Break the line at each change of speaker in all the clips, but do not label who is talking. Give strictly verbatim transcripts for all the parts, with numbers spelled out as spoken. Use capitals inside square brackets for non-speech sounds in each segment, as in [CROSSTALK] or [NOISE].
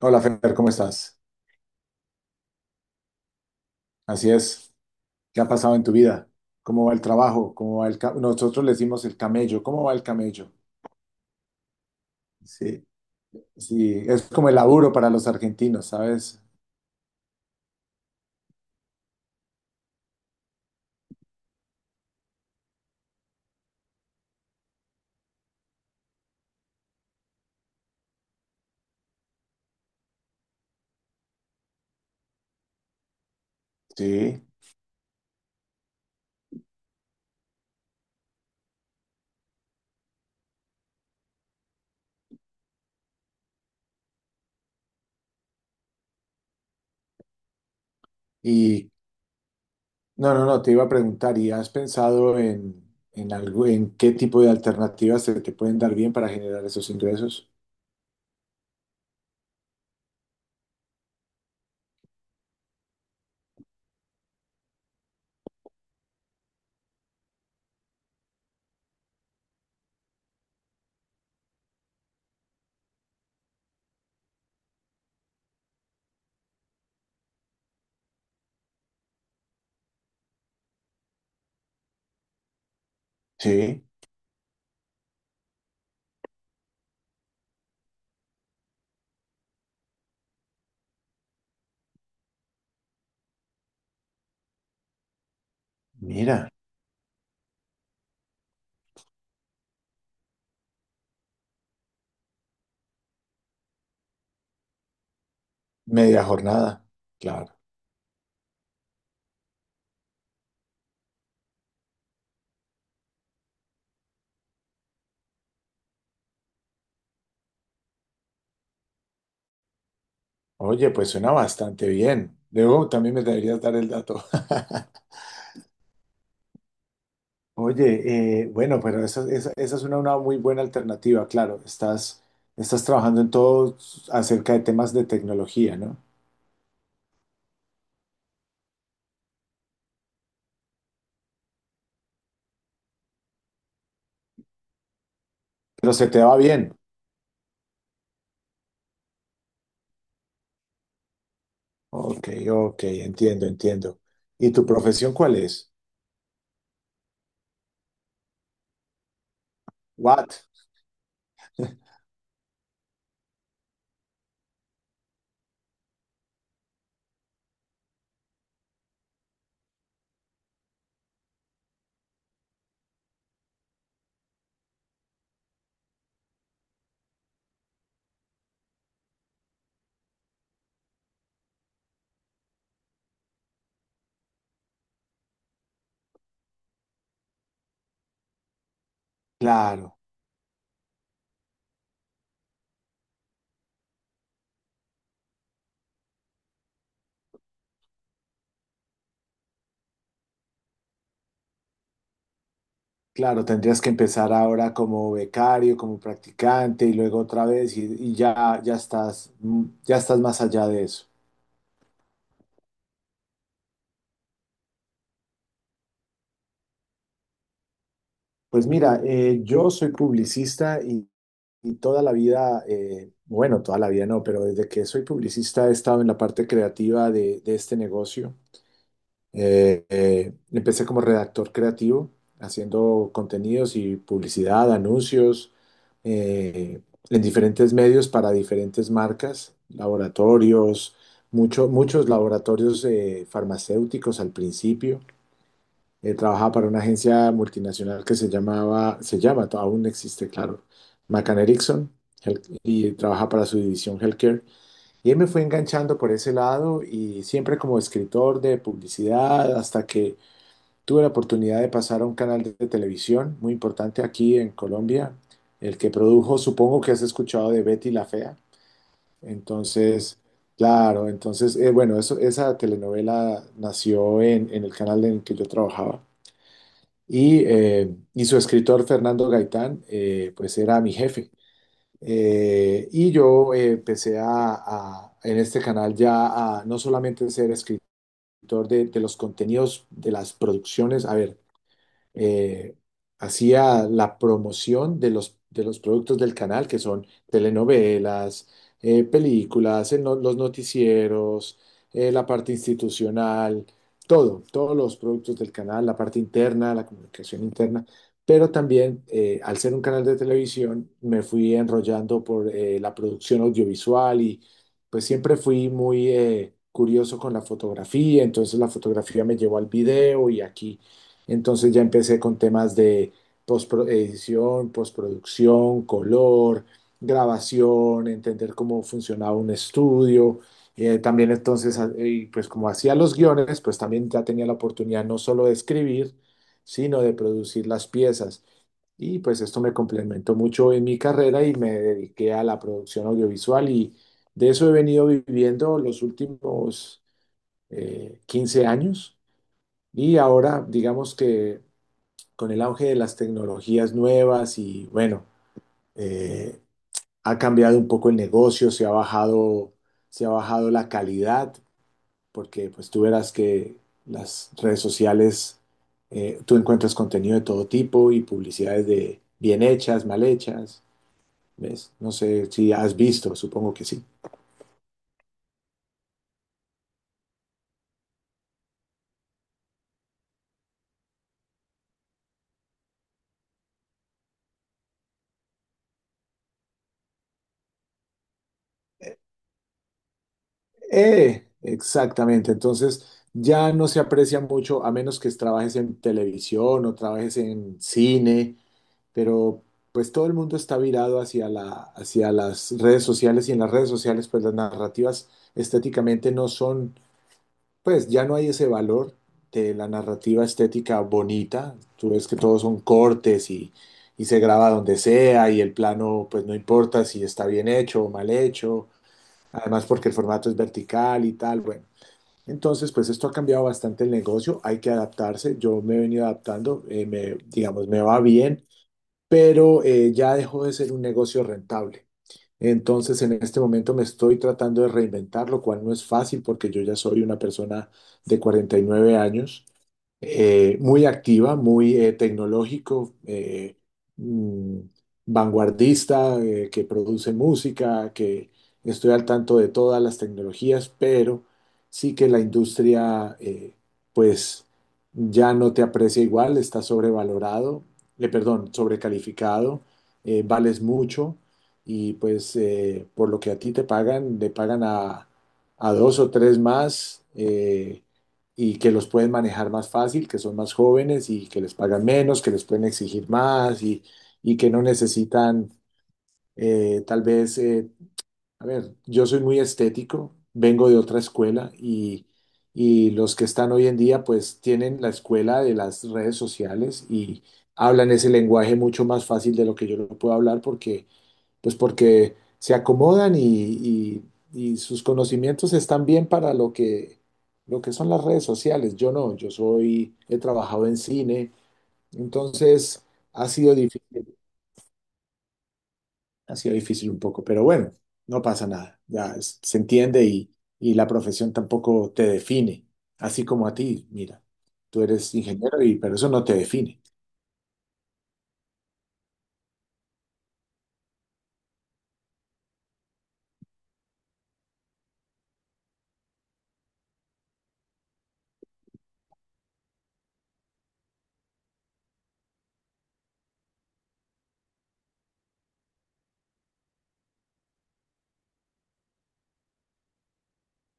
Hola, Fer, ¿cómo estás? Así es. ¿Qué ha pasado en tu vida? ¿Cómo va el trabajo? ¿Cómo va el ca- nosotros le decimos el camello. ¿Cómo va el camello? Sí, sí, es como el laburo para los argentinos, ¿sabes? Sí. Y no, no, no, te iba a preguntar, ¿y has pensado en, en algo, en qué tipo de alternativas se te pueden dar bien para generar esos ingresos? Sí, mira, media jornada, claro. Oye, pues suena bastante bien. Luego también me deberías dar el dato. [LAUGHS] Oye, eh, bueno, pero esa, esa- esa es una, una muy buena alternativa, claro. Estás, estás trabajando en todo acerca de temas de tecnología, ¿no? Pero se te va bien. Ok, ok, entiendo, entiendo. ¿Y tu profesión cuál es? What? Claro, claro, tendrías que empezar ahora como becario, como practicante y luego otra vez y, y ya, ya estás, mm, ya estás más allá de eso. Pues mira, eh, yo soy publicista. Y toda la vida, eh, bueno, toda la vida no, pero desde que soy publicista he estado en la parte creativa de, de este negocio. Eh, eh, empecé como redactor creativo, haciendo contenidos y publicidad, anuncios, eh, en diferentes medios para diferentes marcas, laboratorios, mucho- muchos laboratorios eh, farmacéuticos al principio. Eh, trabajaba para una agencia multinacional que se llamaba, se llama, to- aún existe, claro, McCann Erickson, Health- y trabajaba para su división Healthcare. Y él me fue enganchando por ese lado y siempre como escritor de publicidad, hasta que tuve la oportunidad de pasar a un canal de, de televisión muy importante aquí en Colombia, el que produjo, supongo que has escuchado de Betty la Fea. Entonces, claro, entonces, eh, bueno, eso, esa telenovela nació en en el canal en el que yo trabajaba y, eh, y su escritor Fernando Gaitán, eh, pues era mi jefe. Eh, y yo eh, empecé a, a- en este canal ya a no solamente ser escritor de, de los contenidos, de las producciones, a ver, eh, hacía la promoción de los, de los productos del canal, que son telenovelas, eh, películas, el no- los noticieros, eh, la parte institucional, todo, todos los productos del canal, la parte interna, la comunicación interna. Pero también, eh, al ser un canal de televisión, me fui enrollando por eh, la producción audiovisual y pues siempre fui muy eh, curioso con la fotografía, entonces la fotografía me llevó al video y aquí entonces ya empecé con temas de postpro- edición, postproducción, color, grabación, entender cómo funcionaba un estudio. Eh, también entonces, a- y pues como hacía los guiones, pues también ya tenía la oportunidad no solo de escribir, sino de producir las piezas. Y pues esto me complementó mucho en mi carrera y me dediqué a la producción audiovisual y de eso he venido viviendo los últimos eh, quince años. Y ahora, digamos que con el auge de las tecnologías nuevas y bueno, eh, ha cambiado un poco el negocio, se ha bajado, se ha bajado la calidad, porque pues tú verás que las redes sociales, eh, tú encuentras contenido de todo tipo y publicidades de bien hechas, mal hechas, ¿ves? No sé si has visto, supongo que sí. Eh, exactamente, entonces ya no se aprecia mucho a menos que trabajes en televisión o trabajes en cine, pero pues todo el mundo está virado hacia la, hacia las redes sociales y en las redes sociales pues las narrativas estéticamente no son, pues ya no hay ese valor de la narrativa estética bonita, tú ves que todos son cortes y, y se graba donde sea y el plano pues no importa si está bien hecho o mal hecho, además porque el formato es vertical y tal, bueno. Entonces, pues esto ha cambiado bastante el negocio, hay que adaptarse, yo me he venido adaptando, eh, me, digamos, me va bien, pero eh, ya dejó de ser un negocio rentable. Entonces, en este momento me estoy tratando de reinventar, lo cual no es fácil porque yo ya soy una persona de cuarenta y nueve años, eh, muy activa, muy eh, tecnológico, eh, mm, vanguardista, eh, que produce música, que estoy al tanto de todas las tecnologías, pero sí que la industria, eh, pues ya no te aprecia igual, está sobrevalorado, eh, perdón, sobrecalificado, eh, vales mucho y pues eh, por lo que a ti te pagan, le pagan a, a dos o tres más eh, y que los pueden manejar más fácil, que son más jóvenes y que les pagan menos, que les pueden exigir más y, y que no necesitan eh, tal vez, eh, a ver, yo soy muy estético, vengo de otra escuela y... Y los que están hoy en día, pues tienen la escuela de las redes sociales y hablan ese lenguaje mucho más fácil de lo que yo lo puedo hablar porque pues porque se acomodan y, y- y sus conocimientos están bien para lo que, lo que son las redes sociales. Yo no, yo soy, he trabajado en cine, entonces ha sido difícil, ha sido difícil un poco, pero bueno, no pasa nada, ya es- se entiende y, y la profesión tampoco te define, así como a ti, mira, tú eres ingeniero y pero eso no te define.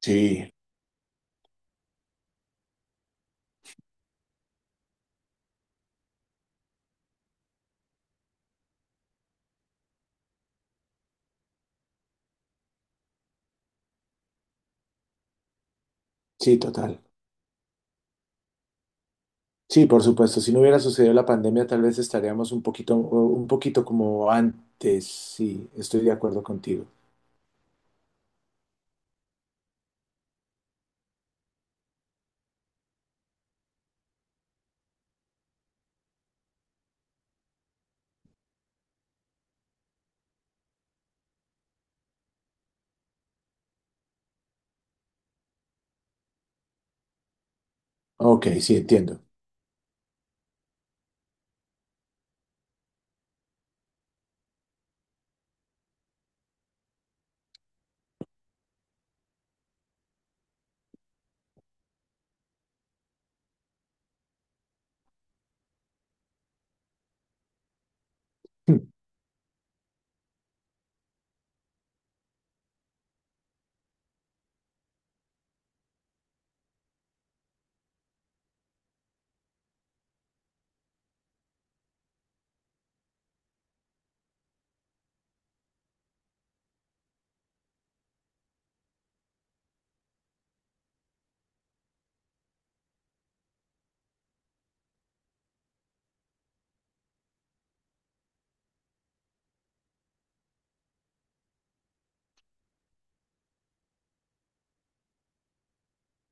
Sí, sí, total. Sí, por supuesto. Si no hubiera sucedido la pandemia, tal vez estaríamos un poquito, un poquito como antes. Sí, estoy de acuerdo contigo. Ok, sí, entiendo.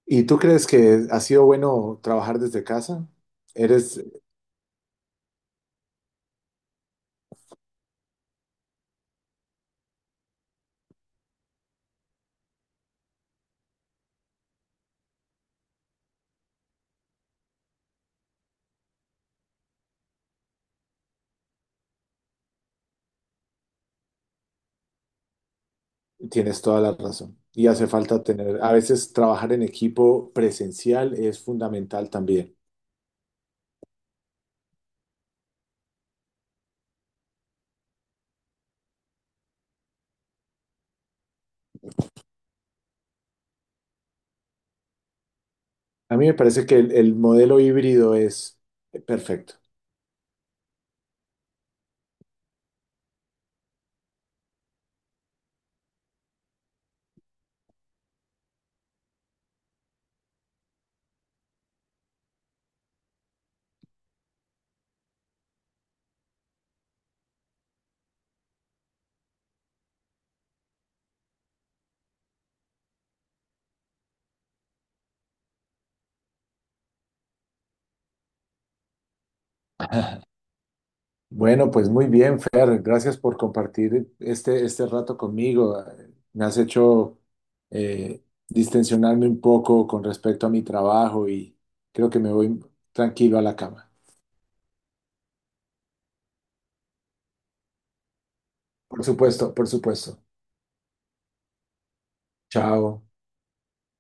¿Y tú crees que ha sido bueno trabajar desde casa? Eres, tienes toda la razón. Y hace falta tener, a veces trabajar en equipo presencial es fundamental también. A mí me parece que el, el modelo híbrido es perfecto. Bueno, pues muy bien, Fer. Gracias por compartir este, este rato conmigo. Me has hecho eh, distensionarme un poco con respecto a mi trabajo y creo que me voy tranquilo a la cama. Por supuesto, por supuesto. Chao.